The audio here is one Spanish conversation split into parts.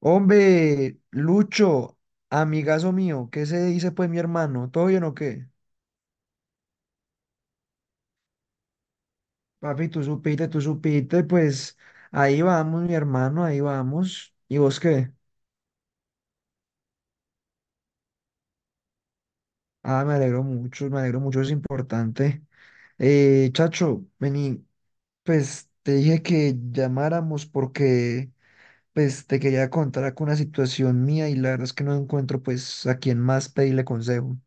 Hombre, Lucho, amigazo mío, ¿qué se dice pues mi hermano? ¿Todo bien o qué? Papi, tú supiste, pues ahí vamos, mi hermano, ahí vamos. ¿Y vos qué? Ah, me alegro mucho, es importante. Chacho, vení, pues te dije que llamáramos porque pues te quería contar con una situación mía y la verdad es que no encuentro pues a quién más pedirle consejo.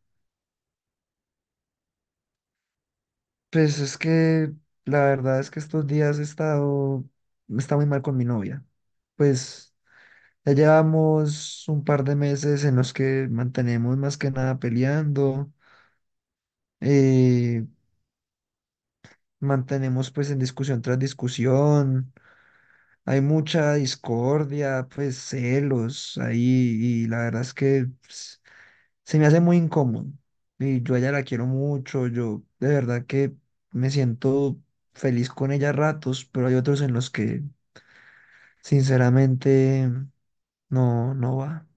Pues es que la verdad es que estos días he estado, está muy mal con mi novia. Pues ya llevamos un par de meses en los que mantenemos más que nada peleando, eh, mantenemos pues en discusión tras discusión, hay mucha discordia, pues celos ahí y la verdad es que pues, se me hace muy incómodo. Y yo a ella la quiero mucho, yo de verdad que me siento feliz con ella a ratos, pero hay otros en los que sinceramente no, no va.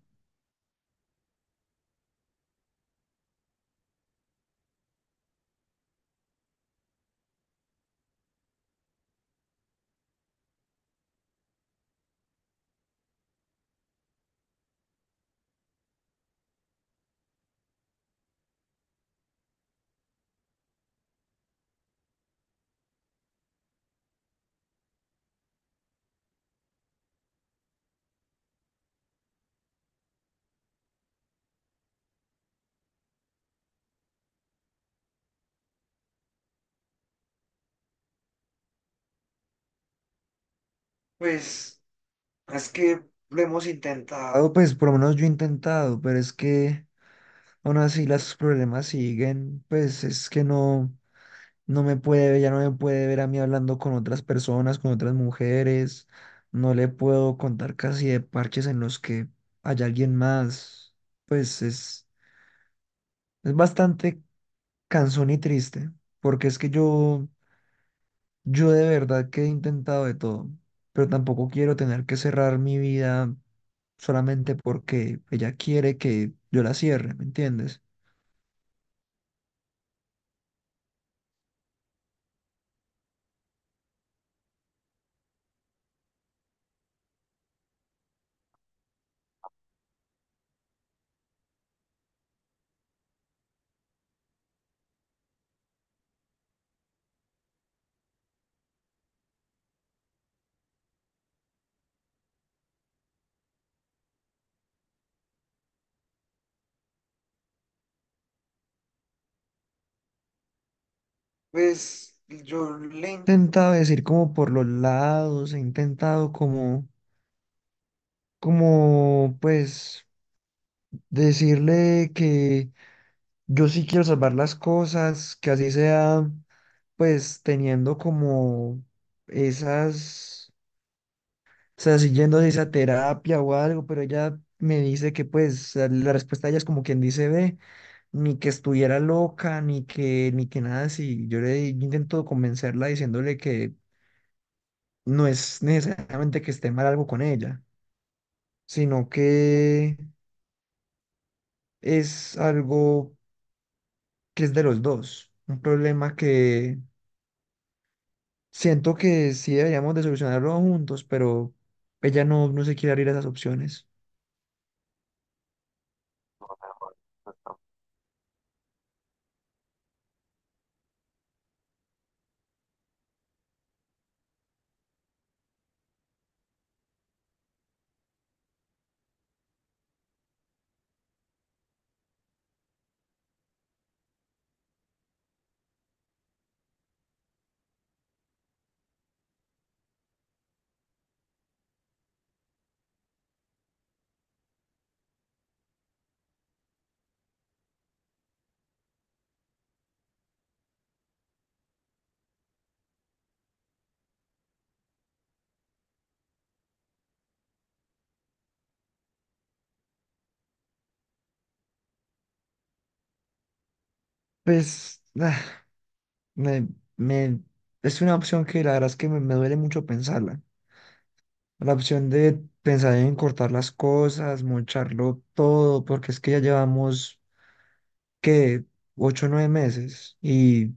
Pues es que lo hemos intentado. Ah, pues por lo menos yo he intentado, pero es que aún así los problemas siguen, pues es que no. No me puede ver, ya no me puede ver a mí hablando con otras personas, con otras mujeres. No le puedo contar casi de parches en los que hay alguien más. Pues es, es bastante cansón y triste, porque es que yo de verdad que he intentado de todo, pero tampoco quiero tener que cerrar mi vida solamente porque ella quiere que yo la cierre, ¿me entiendes? Pues yo le... he intentado decir como por los lados, he intentado como... como pues decirle que yo sí quiero salvar las cosas, que así sea, pues teniendo como esas, o sea, siguiendo esa terapia o algo, pero ella me dice que pues la respuesta de ella es como quien dice, ve, ni que estuviera loca, ni que, ni que nada así. Yo intento convencerla diciéndole que no es necesariamente que esté mal algo con ella, sino que es algo que es de los dos. Un problema que siento que sí deberíamos de solucionarlo juntos, pero ella no, no se quiere abrir a esas opciones. Pues ah, me, me- es una opción que la verdad es que me duele mucho pensarla. La opción de pensar en cortar las cosas, mocharlo todo, porque es que ya llevamos, ¿qué? Ocho o nueve meses y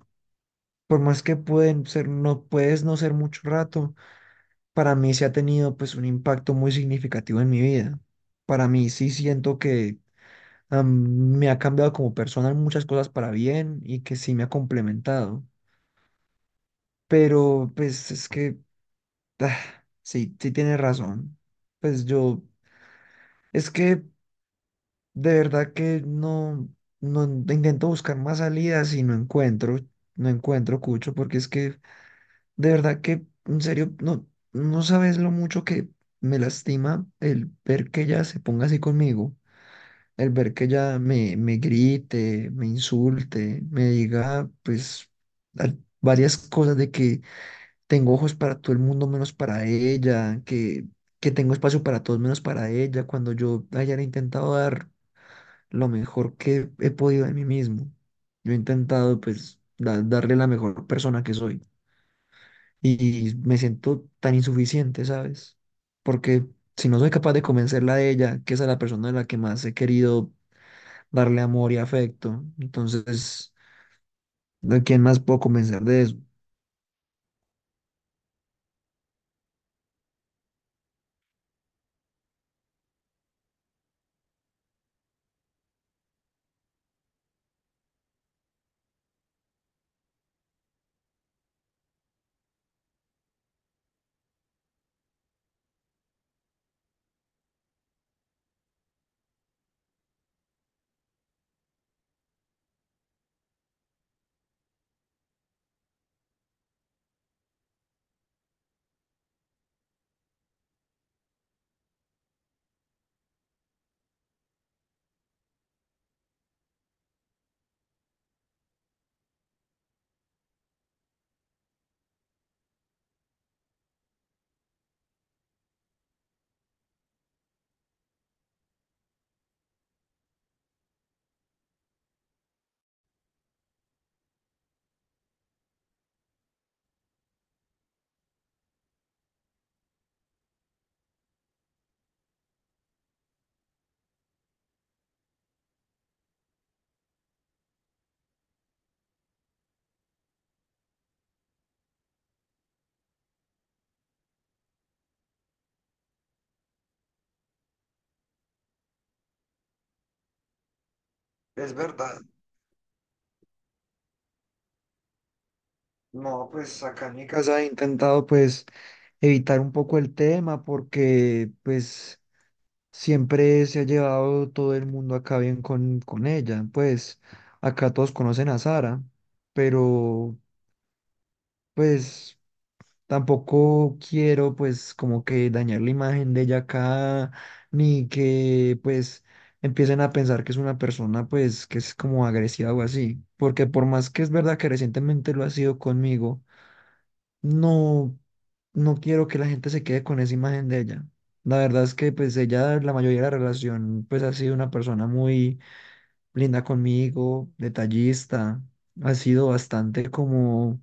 por más que pueden ser, no puedes no ser mucho rato, para mí sí ha tenido pues un impacto muy significativo en mi vida. Para mí sí siento que me ha cambiado como persona en muchas cosas para bien y que sí me ha complementado. Pero pues es que ah, sí, sí tienes razón. Pues yo, es que de verdad que no, no intento buscar más salidas y no encuentro, no encuentro, Cucho, porque es que de verdad que, en serio, no, no sabes lo mucho que me lastima el ver que ella se ponga así conmigo, el ver que ella me, me grite, me insulte, me diga, pues, a- varias cosas de que tengo ojos para todo el mundo menos para ella, que tengo espacio para todos menos para ella, cuando yo haya intentado dar lo mejor que he podido de mí mismo. Yo he intentado, pues, darle la mejor persona que soy y me siento tan insuficiente, ¿sabes? Porque si no soy capaz de convencerla de ella, que esa es la persona a la que más he querido darle amor y afecto, entonces, ¿de quién más puedo convencer de eso? Es verdad. No, pues acá en mi casa he intentado pues evitar un poco el tema porque pues siempre se ha llevado todo el mundo acá bien con ella. Pues acá todos conocen a Sara, pero pues... tampoco quiero pues como que dañar la imagen de ella acá, ni que pues empiecen a pensar que es una persona pues que es como agresiva o así, porque por más que es verdad que recientemente lo ha sido conmigo, no, no quiero que la gente se quede con esa imagen de ella. La verdad es que pues ella, la mayoría de la relación pues ha sido una persona muy linda conmigo, detallista, ha sido bastante como...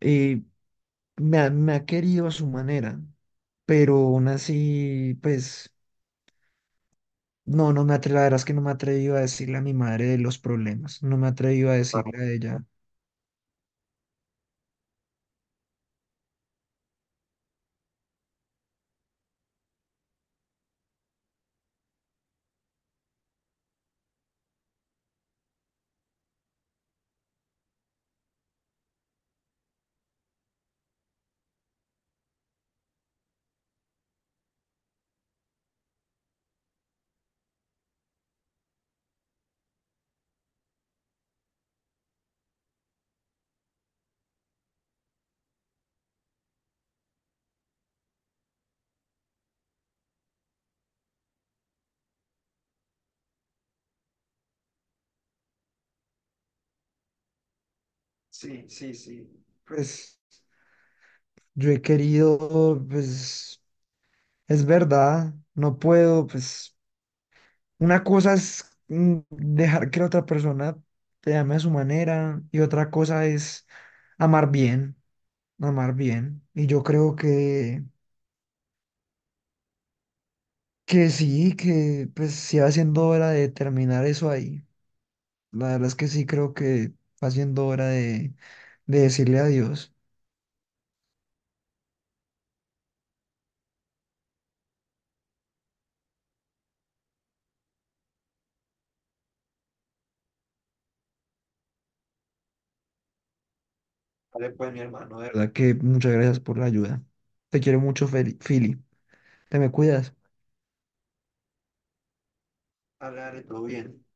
eh, me ha querido a su manera, pero aún así, pues, no, no me atre, la verdad es que no me he atrevido a decirle a mi madre de los problemas, no me he atrevido a decirle a ella, sí, sí, sí. Pues, yo he querido, pues, es verdad, no puedo, pues, una cosa es dejar que la otra persona te ame a su manera y otra cosa es amar bien, amar bien, y yo creo que... que sí, que pues sí va siendo hora de terminar eso ahí. La verdad es que sí creo que va siendo hora de decirle adiós. Vale, pues mi hermano, de verdad que muchas gracias por la ayuda. Te quiero mucho, Fili. Te me cuidas. Hablaré, todo bien.